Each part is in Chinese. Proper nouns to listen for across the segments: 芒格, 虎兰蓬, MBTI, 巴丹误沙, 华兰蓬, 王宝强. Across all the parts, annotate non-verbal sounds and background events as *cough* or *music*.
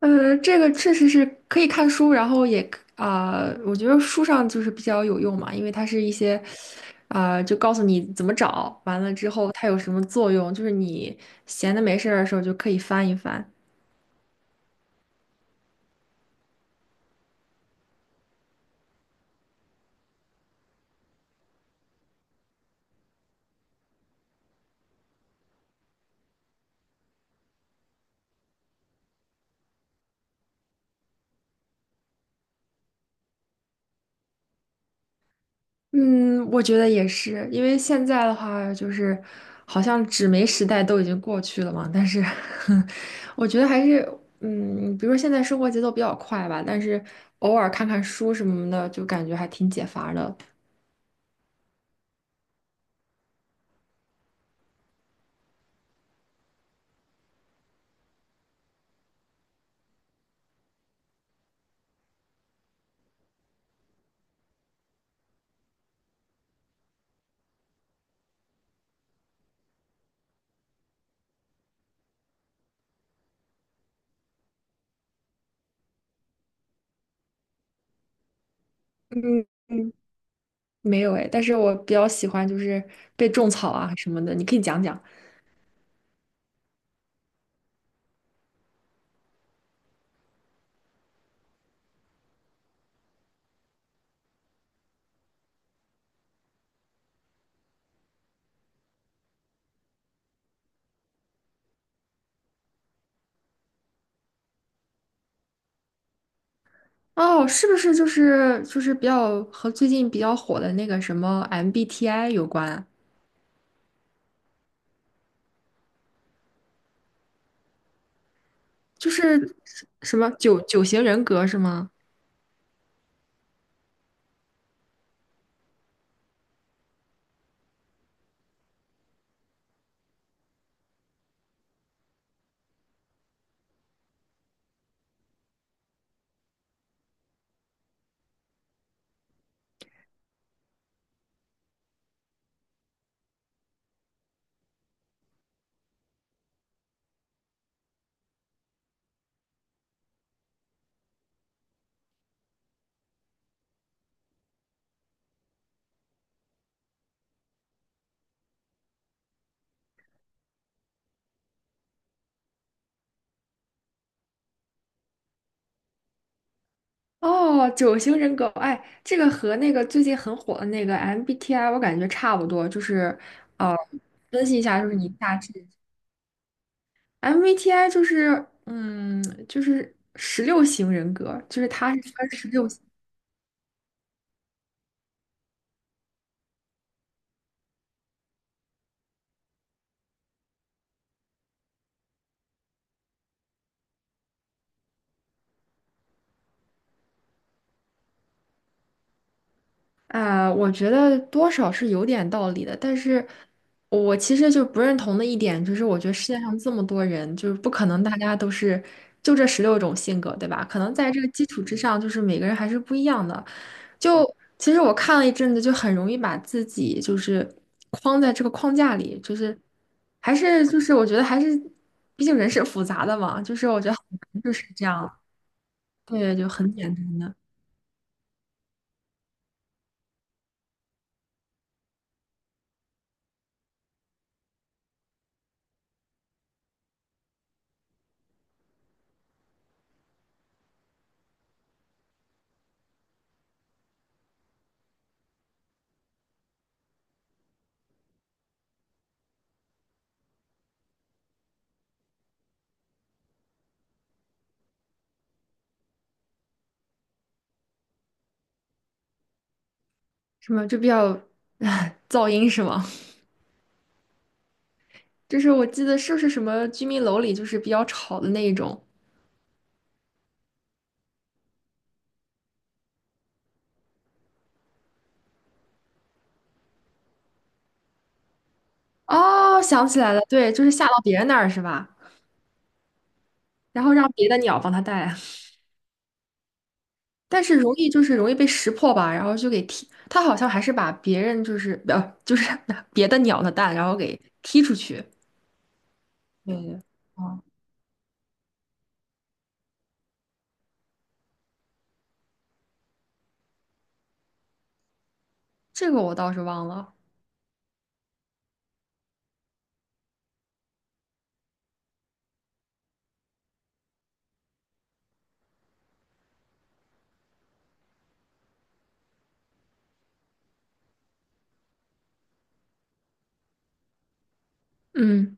这个确实是可以看书，然后也我觉得书上就是比较有用嘛，因为它是一些就告诉你怎么找，完了之后它有什么作用，就是你闲的没事儿的时候就可以翻一翻。嗯，我觉得也是，因为现在的话就是好像纸媒时代都已经过去了嘛，但是 *laughs* 我觉得还是比如说现在生活节奏比较快吧，但是偶尔看看书什么的，就感觉还挺解乏的。嗯。没有哎，但是我比较喜欢就是被种草啊什么的，你可以讲讲。哦，是不是就是比较和最近比较火的那个什么 MBTI 有关啊就是什么九型人格是吗？哦，九型人格，哎，这个和那个最近很火的那个 MBTI，我感觉差不多，就是，呃，分析一下，就是你大致 MBTI 就是，嗯，就是十六型人格，就是它是分十六啊，我觉得多少是有点道理的，但是我其实就不认同的一点就是，我觉得世界上这么多人，就是不可能大家都是就这十六种性格，对吧？可能在这个基础之上，就是每个人还是不一样的。就其实我看了一阵子，就很容易把自己就是框在这个框架里，就是还是就是我觉得还是，毕竟人是复杂的嘛，就是我觉得很难就是这样，对，就很简单的，什么就比较，*laughs* 噪音是吗？就是我记得是不是什么居民楼里就是比较吵的那一种？哦，想起来了，对，就是下到别人那儿是吧？然后让别的鸟帮它带来，但是容易就是容易被识破吧，然后就给踢。它好像还是把别人就是 *laughs* 别的鸟的蛋，然后给踢出去。对对，哦，这个我倒是忘了。嗯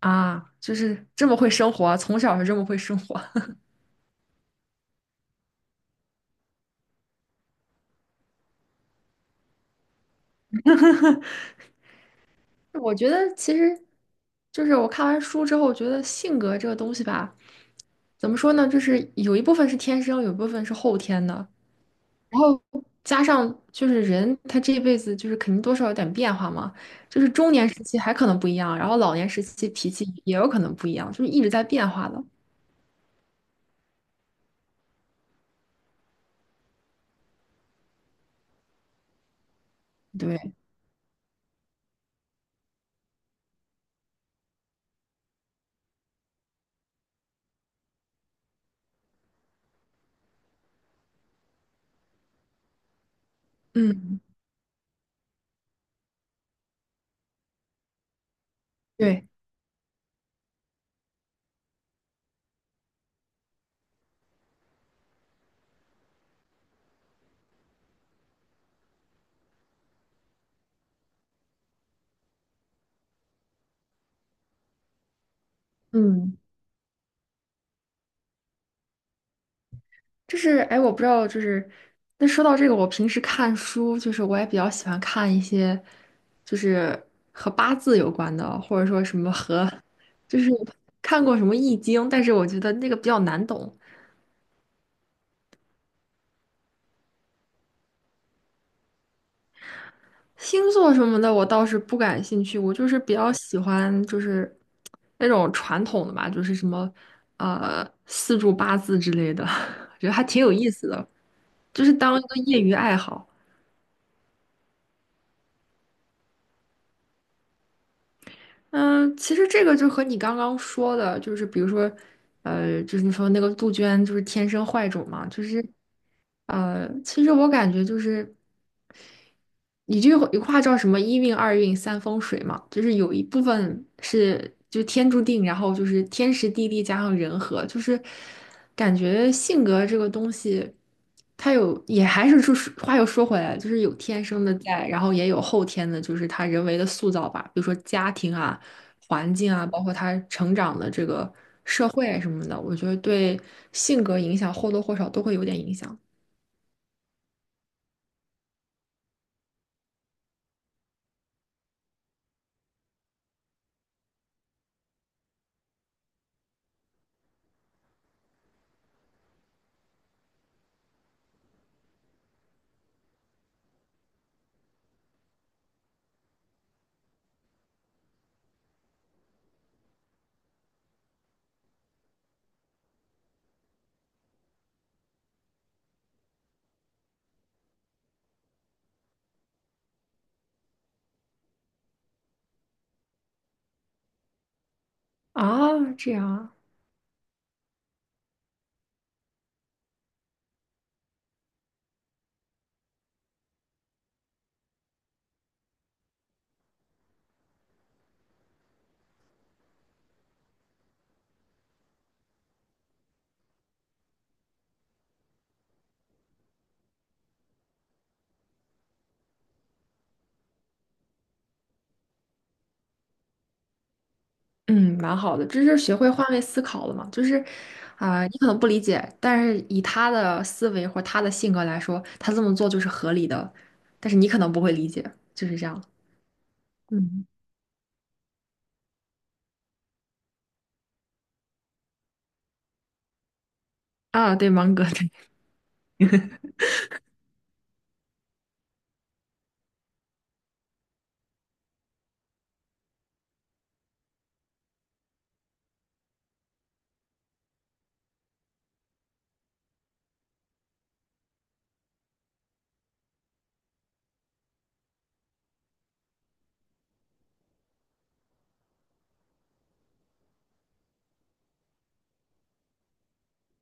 啊，就是这么会生活啊从小就这么会生活。我觉得其实就是我看完书之后，我觉得性格这个东西吧，怎么说呢，就是有一部分是天生，有一部分是后天的，然后加上就是人他这一辈子就是肯定多少有点变化嘛，就是中年时期还可能不一样，然后老年时期脾气也有可能不一样，就是一直在变化的。对，嗯，对，嗯。就是哎，我不知道，就是那说到这个，我平时看书，就是我也比较喜欢看一些，就是和八字有关的，或者说什么和，就是 *laughs* 看过什么易经，但是我觉得那个比较难懂。星座什么的我倒是不感兴趣，我就是比较喜欢就是那种传统的吧，就是什么四柱八字之类的，*laughs* 我觉得还挺有意思的，就是当一个业余爱好。嗯，其实这个就和你刚刚说的，就是比如说，就是你说那个杜鹃就是天生坏种嘛，就是，其实我感觉就是。你这一话叫什么一运二运三风水嘛，就是有一部分是就天注定，然后就是天时地利加上人和，就是感觉性格这个东西，它有也还是就是话又说回来，就是有天生的在，然后也有后天的，就是他人为的塑造吧，比如说家庭啊、环境啊，包括他成长的这个社会什么的，我觉得对性格影响或多或少都会有点影响啊，这样啊。嗯，蛮好的，这是学会换位思考了嘛？就是，你可能不理解，但是以他的思维或他的性格来说，他这么做就是合理的，但是你可能不会理解，就是这样。嗯，啊，对，芒格，对，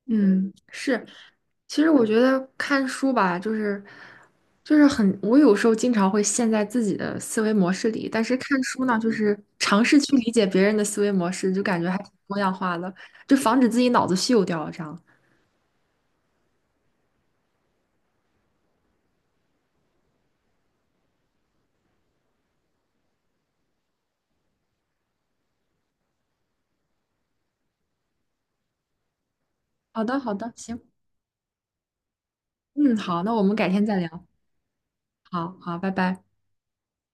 嗯，是。其实我觉得看书吧，就是很，我有时候经常会陷在自己的思维模式里，但是看书呢，就是尝试去理解别人的思维模式，就感觉还挺多样化的，就防止自己脑子锈掉这样。好的，好的，行。嗯，好，那我们改天再聊。好好，拜拜。